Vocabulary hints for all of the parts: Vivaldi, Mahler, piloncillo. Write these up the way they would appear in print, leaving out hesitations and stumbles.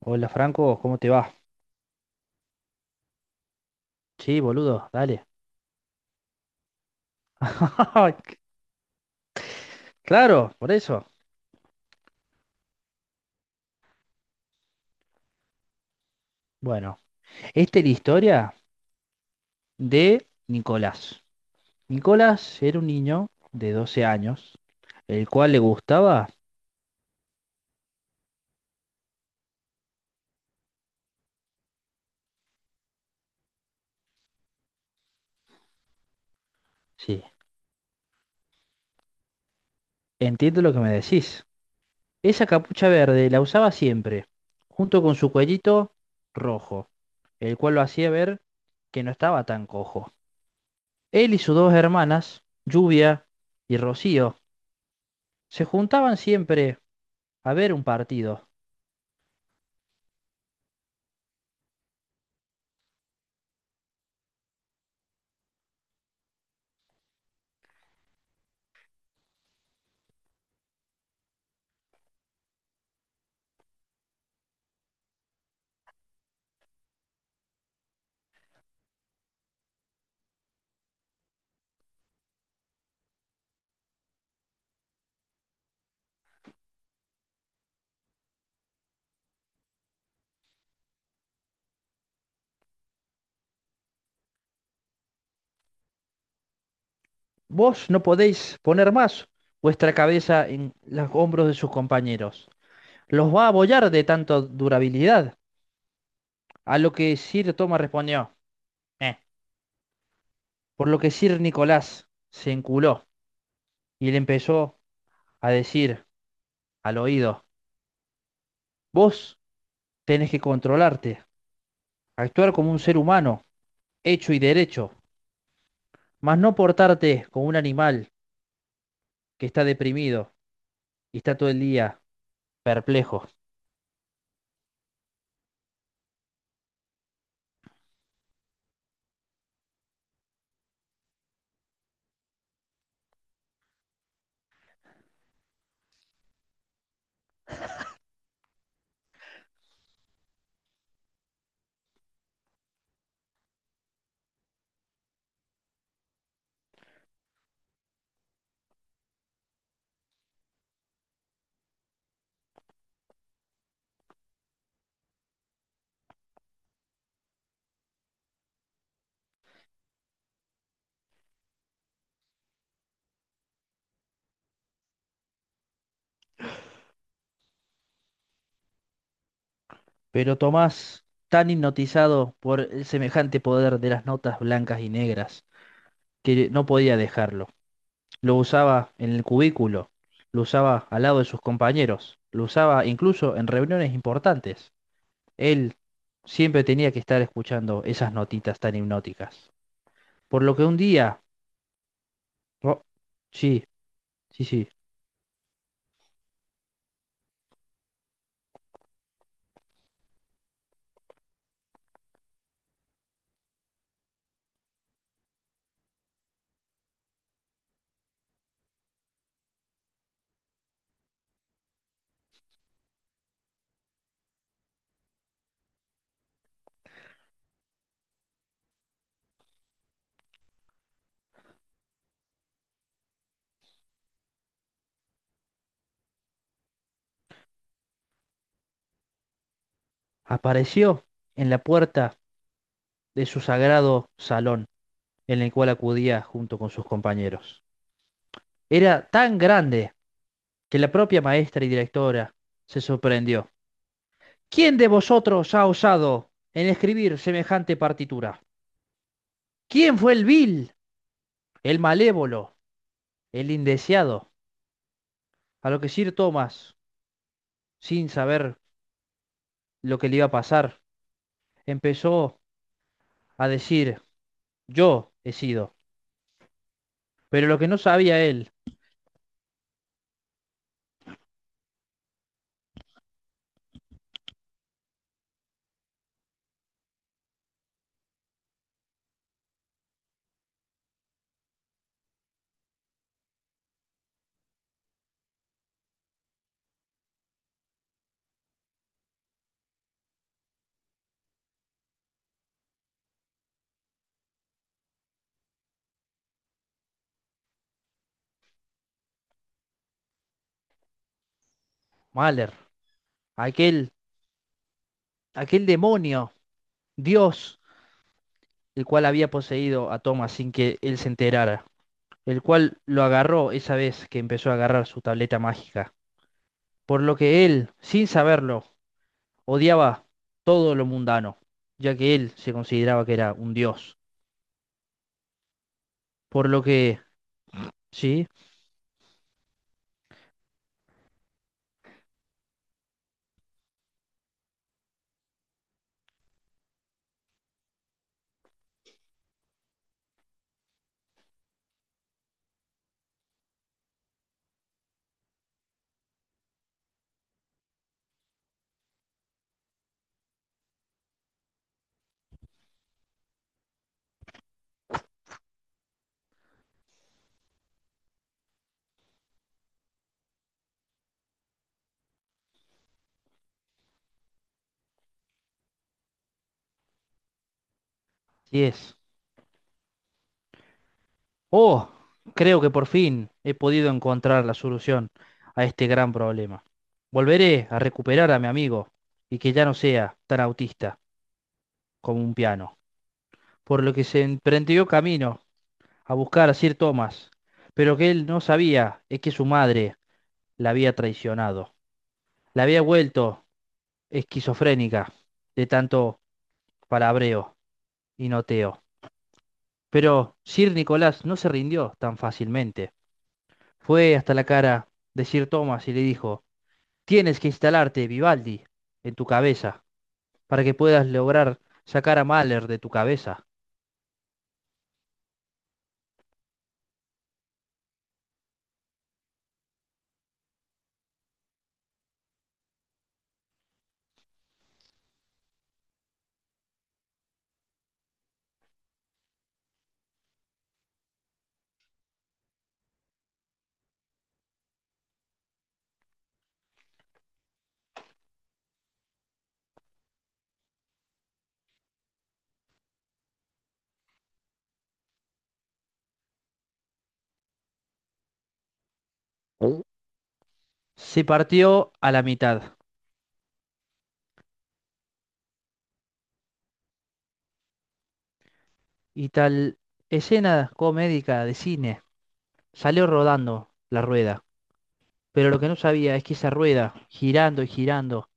Hola Franco, ¿cómo te va? Sí, boludo, dale. Claro, por eso. Bueno, esta es la historia de Nicolás. Nicolás era un niño de 12 años, el cual le gustaba... Sí, entiendo lo que me decís. Esa capucha verde la usaba siempre, junto con su cuellito rojo, el cual lo hacía ver que no estaba tan cojo. Él y sus dos hermanas, Lluvia y Rocío, se juntaban siempre a ver un partido. Vos no podéis poner más vuestra cabeza en los hombros de sus compañeros. Los va a abollar de tanta durabilidad. A lo que Sir Thomas respondió, "Eh". Por lo que Sir Nicolás se enculó y le empezó a decir al oído, vos tenés que controlarte, actuar como un ser humano, hecho y derecho, mas no portarte como un animal que está deprimido y está todo el día perplejo. Pero Tomás, tan hipnotizado por el semejante poder de las notas blancas y negras, que no podía dejarlo. Lo usaba en el cubículo, lo usaba al lado de sus compañeros, lo usaba incluso en reuniones importantes. Él siempre tenía que estar escuchando esas notitas tan hipnóticas. Por lo que un día, oh, sí, sí, sí, apareció en la puerta de su sagrado salón, en el cual acudía junto con sus compañeros. Era tan grande que la propia maestra y directora se sorprendió. ¿Quién de vosotros ha osado en escribir semejante partitura? ¿Quién fue el vil, el malévolo, el indeseado? A lo que Sir Thomas, sin saber lo que le iba a pasar, empezó a decir, yo he sido. Pero lo que no sabía él, Mahler, aquel, aquel demonio, Dios, el cual había poseído a Thomas sin que él se enterara, el cual lo agarró esa vez que empezó a agarrar su tableta mágica. Por lo que él, sin saberlo, odiaba todo lo mundano, ya que él se consideraba que era un dios. Por lo que, sí, sí es. Oh, creo que por fin he podido encontrar la solución a este gran problema. Volveré a recuperar a mi amigo y que ya no sea tan autista como un piano. Por lo que se emprendió camino a buscar a Sir Thomas, pero que él no sabía es que su madre la había traicionado, la había vuelto esquizofrénica de tanto palabreo y noteo. Pero Sir Nicolás no se rindió tan fácilmente. Fue hasta la cara de Sir Thomas y le dijo, tienes que instalarte, Vivaldi, en tu cabeza, para que puedas lograr sacar a Mahler de tu cabeza. Se partió a la mitad y tal escena comédica de cine salió rodando la rueda. Pero lo que no sabía es que esa rueda, girando y girando,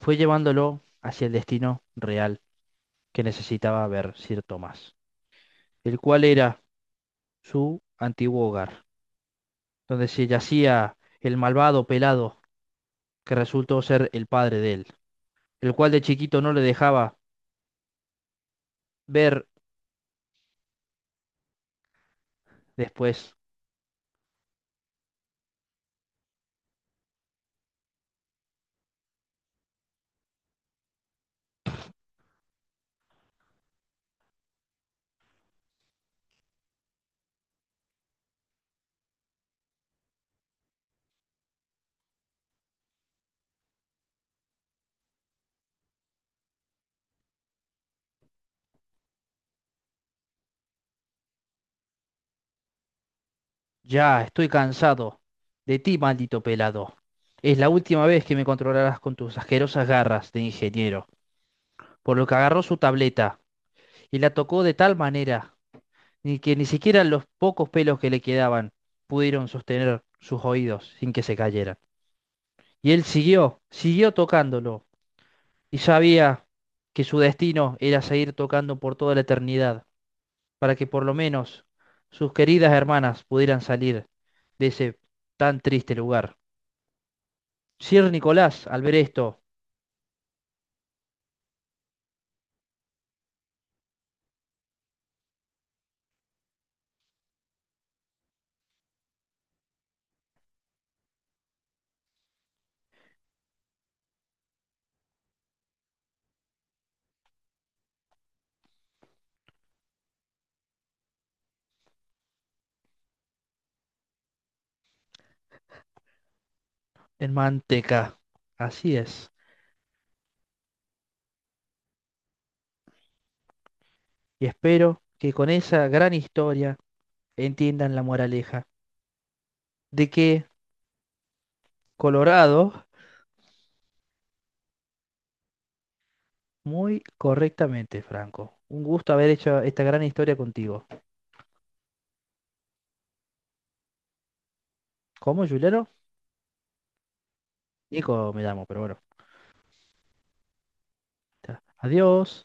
fue llevándolo hacia el destino real, que necesitaba ver Sir Tomás, el cual era su antiguo hogar, donde se yacía el malvado pelado que resultó ser el padre de él, el cual de chiquito no le dejaba ver después. Ya, estoy cansado de ti, maldito pelado. Es la última vez que me controlarás con tus asquerosas garras de ingeniero, por lo que agarró su tableta y la tocó de tal manera ni que ni siquiera los pocos pelos que le quedaban pudieron sostener sus oídos sin que se cayeran. Y él siguió tocándolo, y sabía que su destino era seguir tocando por toda la eternidad, para que por lo menos sus queridas hermanas pudieran salir de ese tan triste lugar. Sir Nicolás, al ver esto, en manteca. Así es. Y espero que con esa gran historia entiendan la moraleja de que Colorado, muy correctamente, Franco. Un gusto haber hecho esta gran historia contigo. ¿Cómo, Juliano? Nico me llamo, pero bueno. Ya. Adiós.